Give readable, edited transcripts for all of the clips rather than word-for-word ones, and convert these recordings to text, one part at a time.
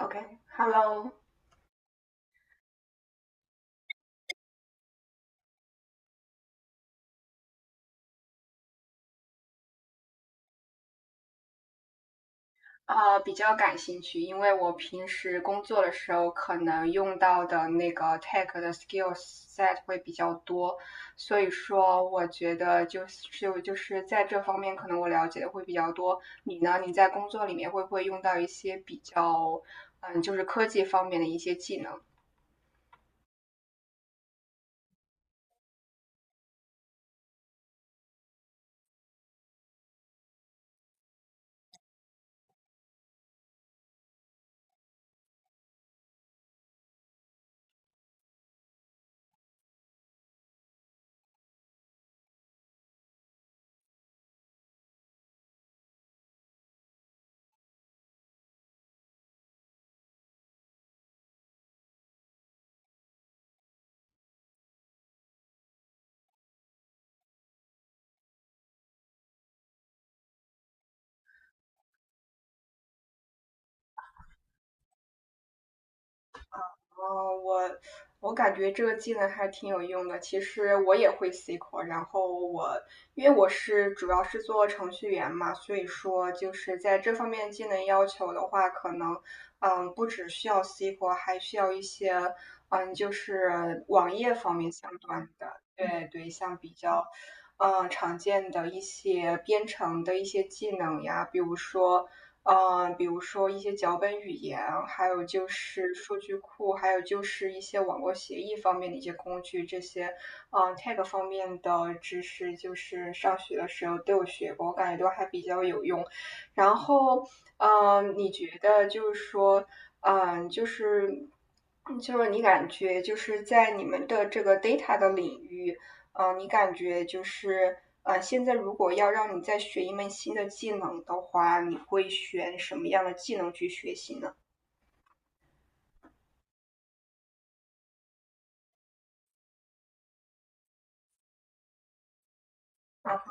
OK,Hello,okay. 比较感兴趣，因为我平时工作的时候可能用到的那个 tech 的 skill set s 会比较多，所以说我觉得就是在这方面可能我了解的会比较多。你呢？你在工作里面会不会用到一些比较，就是科技方面的一些技能？哦，我感觉这个技能还挺有用的。其实我也会 SQL，然后我因为我是主要是做程序员嘛，所以说就是在这方面技能要求的话，可能不只需要 SQL，还需要一些就是网页方面相关的，对对，像比较常见的一些编程的一些技能呀，比如说。嗯，比如说一些脚本语言，还有就是数据库，还有就是一些网络协议方面的一些工具，这些，嗯 t a g 方面的知识，就是上学的时候都有学过，我感觉都还比较有用。然后，嗯，你觉得就是说，嗯，就是。就是你感觉就是在你们的这个 data 的领域，你感觉就是,现在如果要让你再学一门新的技能的话，你会选什么样的技能去学习呢？嗯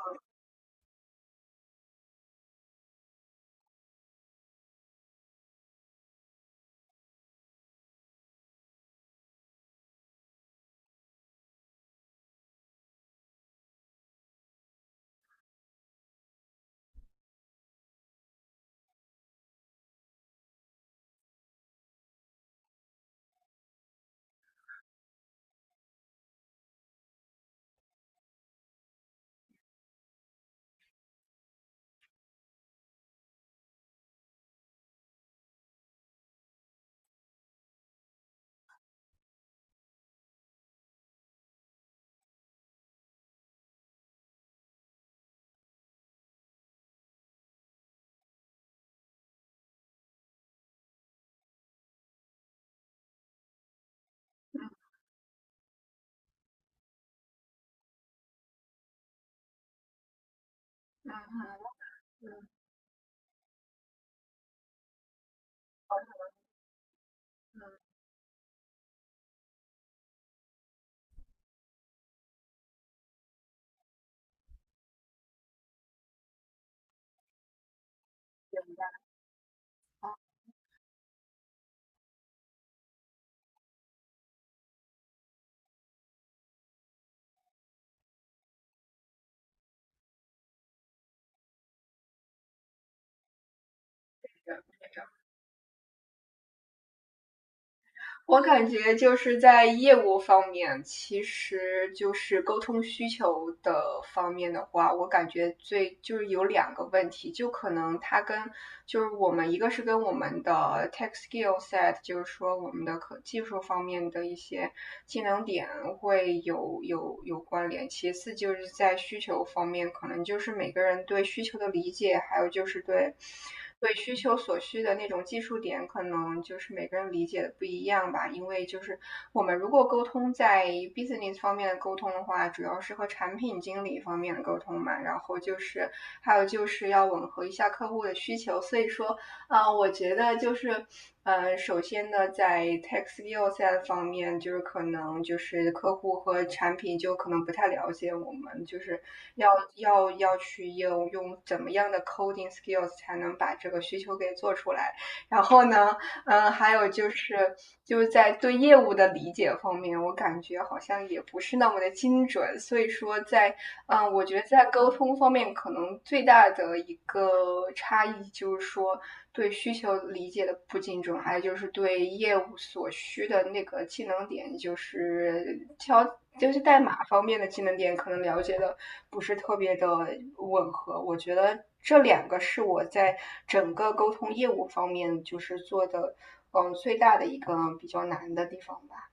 嗯嗯嗯，嗯嗯我感觉就是在业务方面，其实就是沟通需求的方面的话，我感觉最就是有两个问题，就可能它跟就是我们一个是跟我们的 tech skill set，就是说我们的可技术方面的一些技能点会有关联。其次就是在需求方面，可能就是每个人对需求的理解，还有就是对需求所需的那种技术点，可能就是每个人理解的不一样吧。因为就是我们如果沟通在 business 方面的沟通的话，主要是和产品经理方面的沟通嘛，然后就是还有就是要吻合一下客户的需求。所以说，啊，我觉得就是，呃，首先呢，在 tech skill set 方面，就是可能就是客户和产品就可能不太了解我们，就是要要去应用怎么样的 coding skills 才能把这个需求给做出来。然后呢，嗯，还有就是就是在对业务的理解方面，我感觉好像也不是那么的精准，所以说在嗯，我觉得在沟通方面，可能最大的一个差异就是说对需求理解的不精准，还有就是对业务所需的那个技能点，就是挑就是代码方面的技能点，可能了解的不是特别的吻合，我觉得。这两个是我在整个沟通业务方面就是做的，嗯，最大的一个比较难的地方吧。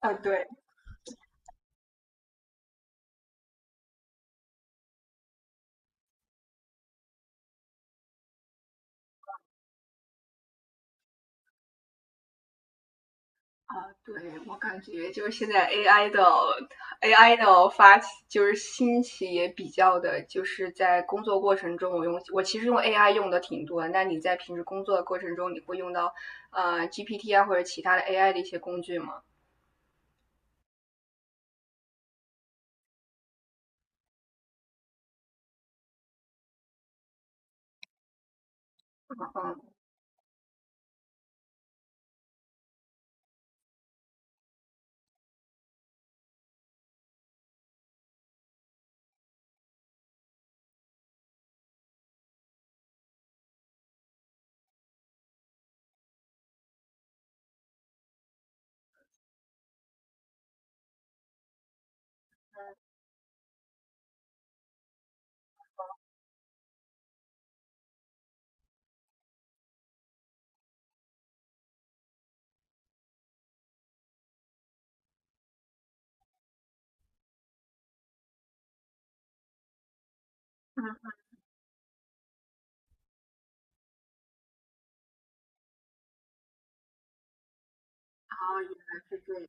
啊，呃对啊,对，我感觉就是现在 AI 的 AI 的发起就是兴起也比较的，就是在工作过程中，我用我其实用 AI 用的挺多那你在平时工作的过程中，你会用到GPT 啊或者其他的 AI 的一些工具吗？嗯，嗯，好，原来是这样。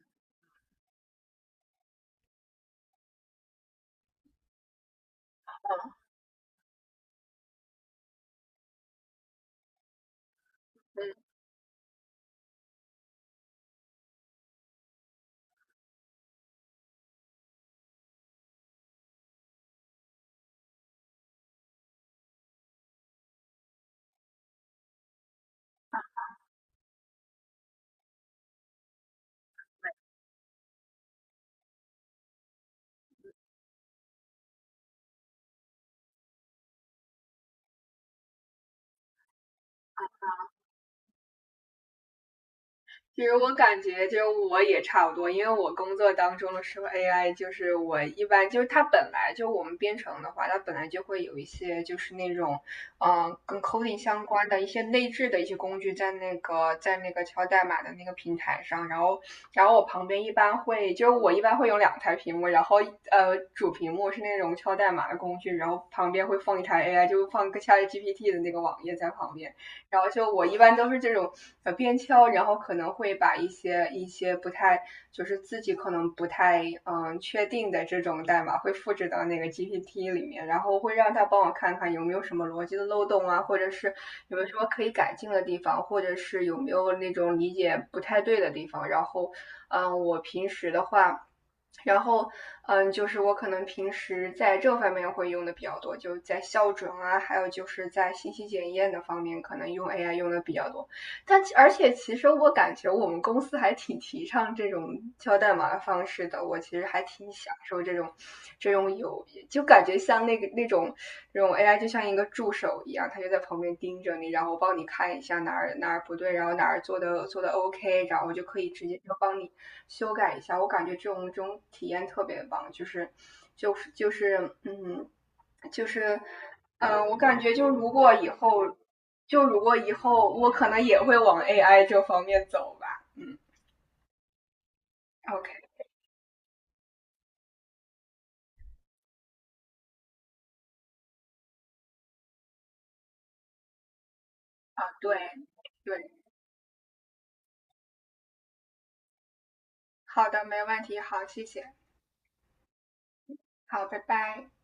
其实我感觉就我也差不多，因为我工作当中的时候，AI 就是我一般就是它本来就我们编程的话，它本来就会有一些就是那种，跟 coding 相关的一些内置的一些工具在那个敲代码的那个平台上，然后然后我旁边一般会就是我一般会有两台屏幕，然后主屏幕是那种敲代码的工具，然后旁边会放一台 AI，就放个 ChatGPT 的那个网页在旁边。然后就我一般都是这种边敲，然后可能会把一些不太就是自己可能不太确定的这种代码会复制到那个 GPT 里面，然后会让他帮我看看有没有什么逻辑的漏洞啊，或者是有没有什么可以改进的地方，或者是有没有那种理解不太对的地方。然后嗯，我平时的话。然后，嗯，就是我可能平时在这方面会用的比较多，就在校准啊，还有就是在信息检验的方面，可能用 AI 用的比较多。但而且其实我感觉我们公司还挺提倡这种敲代码的方式的，我其实还挺享受这种这种有，就感觉像那种 AI 就像一个助手一样，他就在旁边盯着你，然后帮你看一下哪儿哪儿不对，然后哪儿做的 OK，然后我就可以直接就帮你修改一下。我感觉这种这种体验特别棒，就是就是嗯就是。我感觉就如果以后我可能也会往 AI 这方面走吧。嗯，OK，对对，好的，没问题，好，谢谢，好，拜拜。